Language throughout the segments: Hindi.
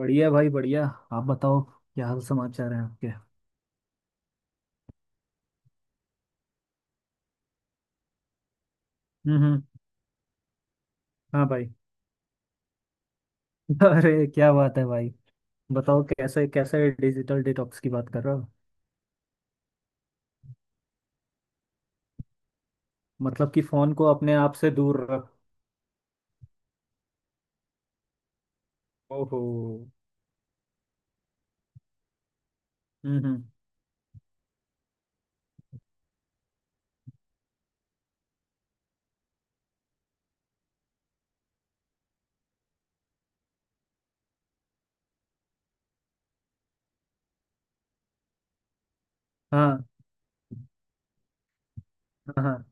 बढ़िया भाई बढ़िया। आप बताओ क्या हाल समाचार है आपके। हम्म। हाँ भाई। अरे क्या बात है भाई। बताओ कैसे कैसे डिजिटल डिटॉक्स की बात कर रहे हो। मतलब कि फोन को अपने आप से दूर रखो। ओहो। हम्म। हाँ हाँ हाँ।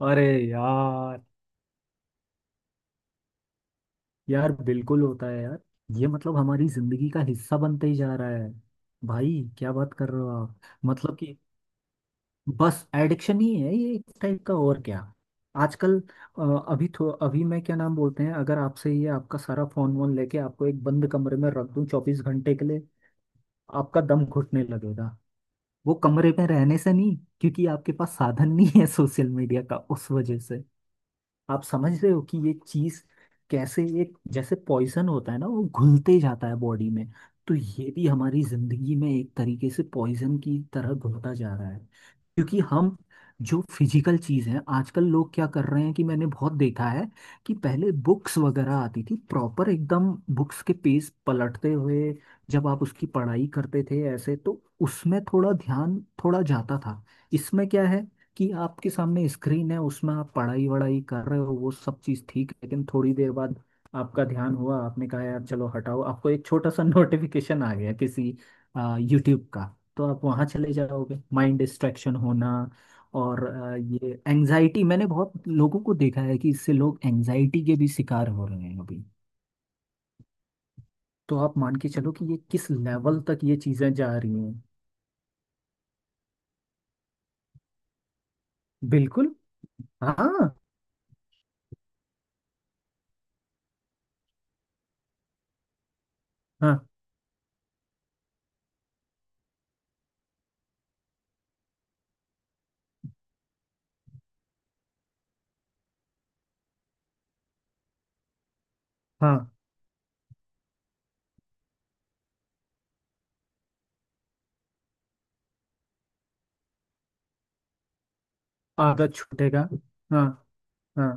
अरे यार। यार बिल्कुल होता है यार। ये मतलब हमारी जिंदगी का हिस्सा बनते ही जा रहा है। भाई क्या बात कर रहे हो आप। मतलब बस एडिक्शन ही है ये एक टाइप का और क्या। आजकल अ, अभी थो अभी मैं क्या नाम बोलते हैं, अगर आपसे ये आपका सारा फोन वोन लेके आपको एक बंद कमरे में रख दूं 24 घंटे के लिए, आपका दम घुटने लगेगा। वो कमरे में रहने से नहीं, क्योंकि आपके पास साधन नहीं है सोशल मीडिया का, उस वजह से। आप समझ रहे हो कि ये चीज कैसे, एक जैसे पॉइजन होता है ना वो घुलते जाता है बॉडी में, तो ये भी हमारी जिंदगी में एक तरीके से पॉइजन की तरह घुलता जा रहा है। क्योंकि हम, जो फिजिकल चीज है, आजकल लोग क्या कर रहे हैं कि मैंने बहुत देखा है कि पहले बुक्स वगैरह आती थी प्रॉपर एकदम। बुक्स के पेज पलटते हुए जब आप उसकी पढ़ाई करते थे ऐसे, तो उसमें थोड़ा ध्यान, थोड़ा जाता था। इसमें क्या है कि आपके सामने स्क्रीन है, उसमें आप पढ़ाई वढ़ाई कर रहे हो वो सब चीज़ ठीक है, लेकिन थोड़ी देर बाद आपका ध्यान हुआ आपने कहा यार चलो हटाओ, आपको एक छोटा सा नोटिफिकेशन आ गया किसी यूट्यूब का, तो आप वहाँ चले जाओगे, माइंड डिस्ट्रैक्शन होना। और ये एंजाइटी, मैंने बहुत लोगों को देखा है कि इससे लोग एंजाइटी के भी शिकार हो रहे हैं अभी। तो आप मान के चलो कि ये किस लेवल तक ये चीज़ें जा रही हैं। बिल्कुल। हाँ हाँ हाँ। आदत छूटेगा। हाँ हाँ।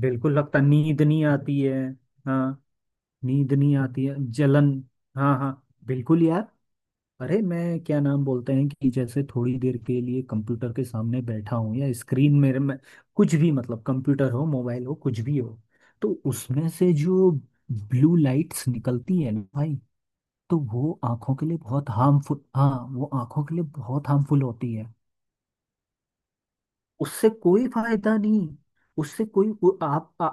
बिल्कुल लगता, नींद नहीं आती है। हाँ। नींद नहीं आती है, जलन। हाँ हाँ। बिल्कुल यार। अरे मैं क्या नाम बोलते हैं कि जैसे थोड़ी देर के लिए कंप्यूटर के सामने बैठा हूँ या स्क्रीन मेरे में, कुछ भी मतलब कंप्यूटर हो मोबाइल हो कुछ भी हो, तो उसमें से जो ब्लू लाइट्स निकलती है ना भाई, तो वो आंखों के लिए बहुत हार्मफुल, हाँ वो आंखों के लिए बहुत हार्मफुल होती है। उससे कोई फायदा नहीं। उससे कोई वो आप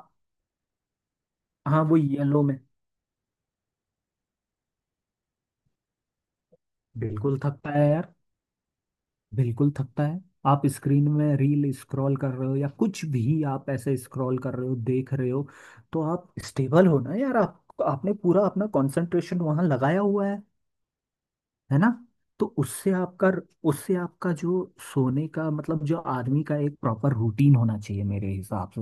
हाँ वो येलो में बिल्कुल थकता है यार। बिल्कुल थकता है। आप स्क्रीन में रील स्क्रॉल कर रहे हो या कुछ भी आप ऐसे स्क्रॉल कर रहे हो देख रहे हो, तो आप स्टेबल हो ना यार, आप आपने पूरा अपना कंसंट्रेशन वहां लगाया हुआ है ना। तो उससे आपका, उससे आपका जो सोने का मतलब, जो आदमी का एक प्रॉपर रूटीन होना चाहिए मेरे हिसाब से,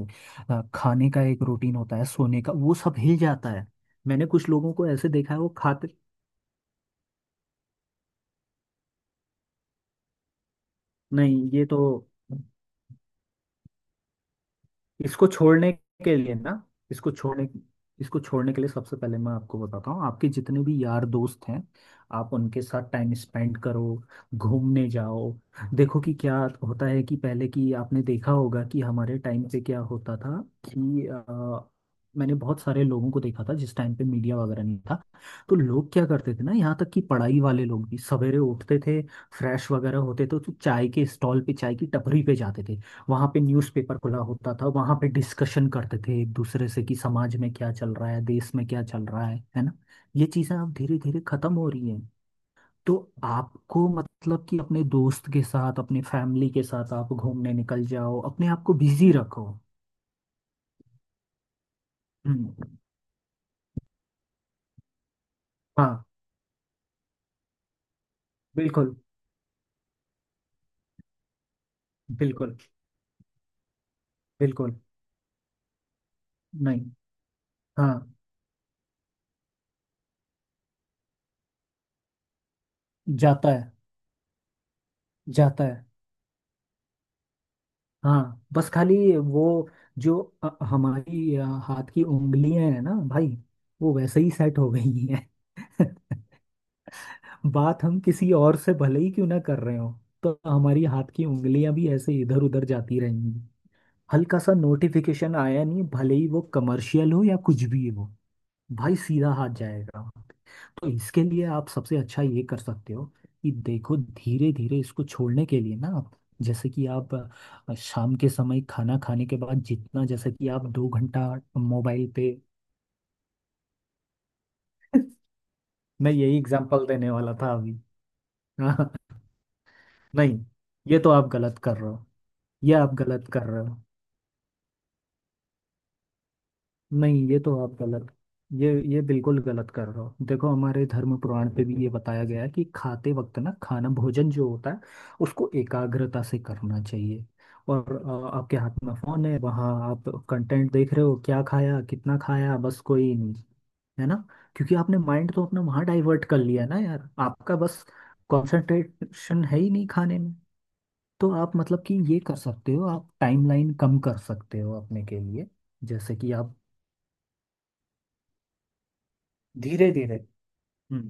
खाने का एक रूटीन होता है सोने का, वो सब हिल जाता है। मैंने कुछ लोगों को ऐसे देखा है वो खाते। नहीं ये तो, इसको छोड़ने के लिए ना, इसको छोड़ने इसको छोड़ने के लिए सबसे पहले मैं आपको बताता हूँ, आपके जितने भी यार दोस्त हैं आप उनके साथ टाइम स्पेंड करो, घूमने जाओ। देखो कि क्या होता है कि पहले की आपने देखा होगा कि हमारे टाइम पे क्या होता था कि मैंने बहुत सारे लोगों को देखा था जिस टाइम पे मीडिया वगैरह नहीं था, तो लोग क्या करते थे ना, यहाँ तक कि पढ़ाई वाले लोग भी सवेरे उठते थे फ्रेश वगैरह होते थे, तो चाय के स्टॉल पे चाय की टपरी पे जाते थे, वहां पे न्यूज़पेपर खुला होता था, वहां पे डिस्कशन करते थे एक दूसरे से कि समाज में क्या चल रहा है देश में क्या चल रहा है ना। ये चीजें अब धीरे धीरे खत्म हो रही हैं। तो आपको मतलब कि अपने दोस्त के साथ अपने फैमिली के साथ आप घूमने निकल जाओ, अपने आप को बिजी रखो। हम्म। हाँ। बिल्कुल। बिल्कुल। बिल्कुल। नहीं। हाँ। जाता है, जाता है। हाँ बस खाली वो, जो हमारी हाथ की उंगलियां हैं ना भाई, वो वैसे ही सेट हो गई। बात हम किसी और से भले ही क्यों ना कर रहे हो, तो हमारी हाथ की उंगलियां भी ऐसे इधर उधर जाती रहेंगी। हल्का सा नोटिफिकेशन आया नहीं, भले ही वो कमर्शियल हो या कुछ भी हो, भाई सीधा हाथ जाएगा। तो इसके लिए आप सबसे अच्छा ये कर सकते हो कि देखो धीरे धीरे इसको छोड़ने के लिए ना, आप जैसे कि आप शाम के समय खाना खाने के बाद जितना जैसे कि आप 2 घंटा मोबाइल पे। मैं यही एग्जांपल देने वाला था अभी। नहीं ये तो आप गलत कर रहे हो। ये आप गलत कर रहे हो। नहीं ये तो आप गलत, ये बिल्कुल गलत कर रहे हो। देखो हमारे धर्म पुराण पे भी ये बताया गया है कि खाते वक्त ना खाना भोजन जो होता है उसको एकाग्रता से करना चाहिए। और आपके हाथ में फोन है, वहाँ आप कंटेंट देख रहे हो, क्या खाया कितना खाया बस कोई नहीं, है ना। क्योंकि आपने माइंड तो अपना वहाँ डाइवर्ट कर लिया ना यार, आपका बस कंसंट्रेशन है ही नहीं खाने में। तो आप मतलब कि ये कर सकते हो, आप टाइमलाइन कम कर सकते हो अपने के लिए, जैसे कि आप धीरे धीरे। हम्म।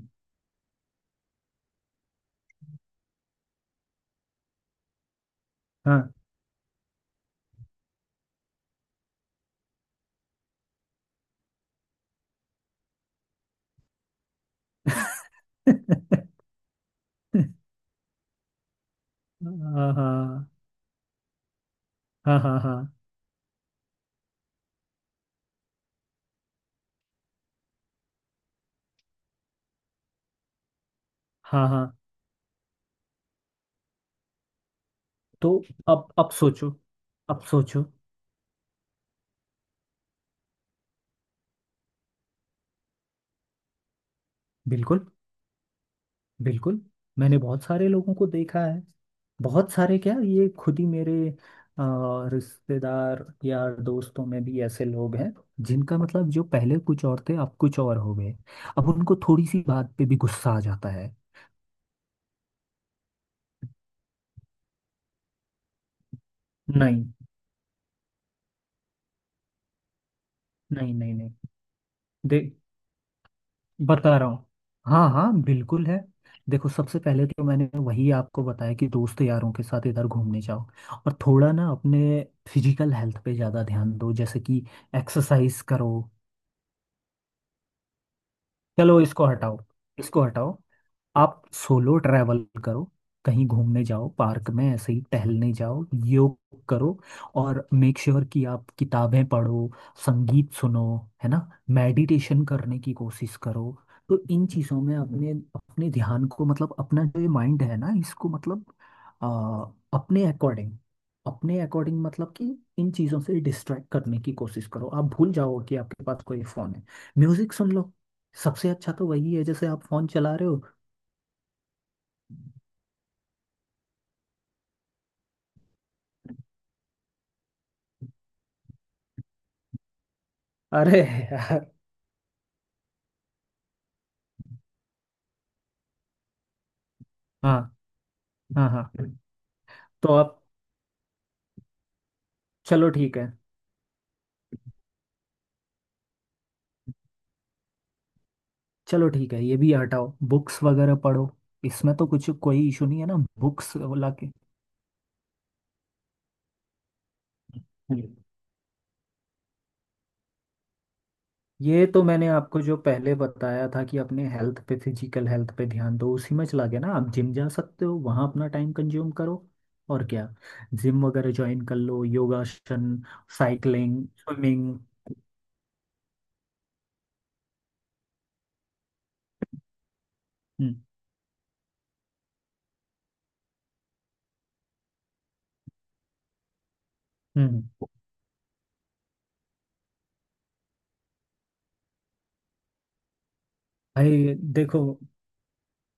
हाँ। हाँ हाँ हाँ हाँ हाँ हाँ हाँ। तो अब सोचो, अब सोचो। बिल्कुल। बिल्कुल। मैंने बहुत सारे लोगों को देखा है, बहुत सारे क्या ये खुद ही मेरे रिश्तेदार या दोस्तों में भी ऐसे लोग हैं, जिनका मतलब जो पहले कुछ और थे अब कुछ और हो गए। अब उनको थोड़ी सी बात पे भी गुस्सा आ जाता है। नहीं नहीं नहीं। नहीं दे बता रहा हूँ। हाँ हाँ बिल्कुल है। देखो सबसे पहले तो मैंने वही आपको बताया कि दोस्त यारों के साथ इधर घूमने जाओ, और थोड़ा ना अपने फिजिकल हेल्थ पे ज़्यादा ध्यान दो, जैसे कि एक्सरसाइज करो। चलो इसको हटाओ, इसको हटाओ। आप सोलो ट्रैवल करो, कहीं घूमने जाओ, पार्क में ऐसे ही टहलने जाओ, योग करो। और मेक श्योर कि आप किताबें पढ़ो, संगीत सुनो, है ना, मेडिटेशन करने की कोशिश करो। तो इन चीज़ों में अपने, अपने ध्यान को मतलब अपना जो ये माइंड है ना, इसको मतलब आ, अपने अकॉर्डिंग, अपने अकॉर्डिंग मतलब कि इन चीज़ों से डिस्ट्रैक्ट करने की कोशिश करो, आप भूल जाओ कि आपके पास कोई फ़ोन है। म्यूज़िक सुन लो। सबसे अच्छा तो वही है जैसे आप फोन चला रहे हो। अरे यार। हाँ हाँ हाँ। तो अब, चलो ठीक है, चलो ठीक है, ये भी हटाओ। बुक्स वगैरह पढ़ो, इसमें तो कुछ कोई इशू नहीं है ना बुक्स वाला के। ये तो मैंने आपको जो पहले बताया था कि अपने हेल्थ पे, फिजिकल हेल्थ पे ध्यान दो उसी में चला गया ना, आप जिम जा सकते हो, वहाँ अपना टाइम कंज्यूम करो और क्या, जिम वगैरह ज्वाइन कर लो, योगासन, साइकिलिंग, स्विमिंग। हम्म। हम्म। भाई देखो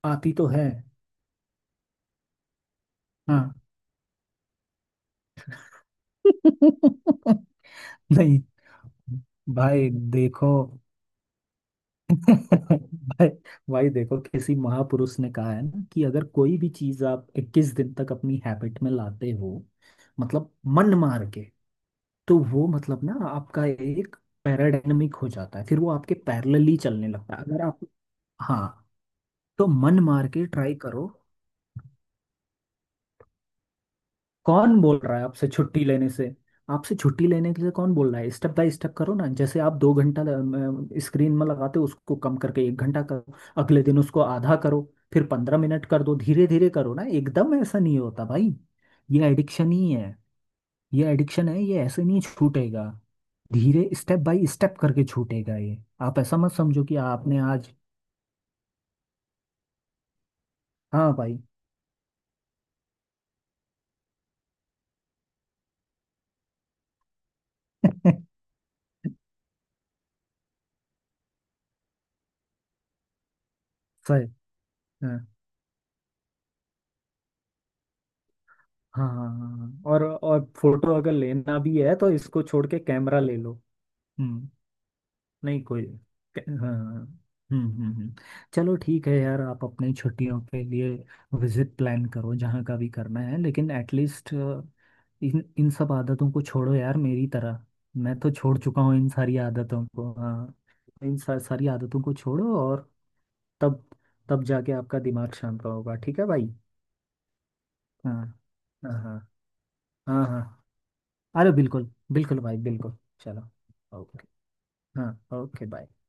आती तो है। हाँ। नहीं भाई देखो भाई, भाई देखो किसी महापुरुष ने कहा है ना कि अगर कोई भी चीज आप 21 दिन तक अपनी हैबिट में लाते हो मतलब मन मार के, तो वो मतलब ना आपका एक पैराडायनमिक हो जाता है, फिर वो आपके पैरेलली चलने लगता है। अगर आप, हाँ, तो मन मार के ट्राई करो। कौन बोल रहा है आपसे छुट्टी लेने से। आपसे छुट्टी लेने के लिए कौन बोल रहा है, स्टेप बाय स्टेप करो ना, जैसे आप 2 घंटा स्क्रीन में लगाते हो उसको कम करके 1 घंटा करो, अगले दिन उसको आधा करो, फिर 15 मिनट कर दो, धीरे धीरे करो ना, एकदम ऐसा नहीं होता भाई। ये एडिक्शन ही है। ये एडिक्शन है, ये ऐसे नहीं छूटेगा, धीरे स्टेप बाय स्टेप करके छूटेगा। ये आप ऐसा मत समझो कि आपने आज, हाँ भाई। सही। हाँ। हाँ हाँ हाँ हाँ। हाँ। और फोटो अगर लेना भी है तो इसको छोड़ के कैमरा ले लो। हम्म। नहीं कोई, हाँ हाँ। हाँ। हम्म हम्म हम्म। चलो ठीक है यार, आप अपनी छुट्टियों के लिए विजिट प्लान करो जहाँ का भी करना है लेकिन एटलीस्ट इन इन सब आदतों को छोड़ो यार, मेरी तरह मैं तो छोड़ चुका हूँ इन सारी आदतों को। हाँ। सारी आदतों को छोड़ो और तब तब जाके आपका दिमाग शांत होगा, ठीक है भाई। हाँ हाँ हाँ हाँ हाँ। अरे बिल्कुल बिल्कुल भाई बिल्कुल चलो। ओके। हाँ ओके बाय।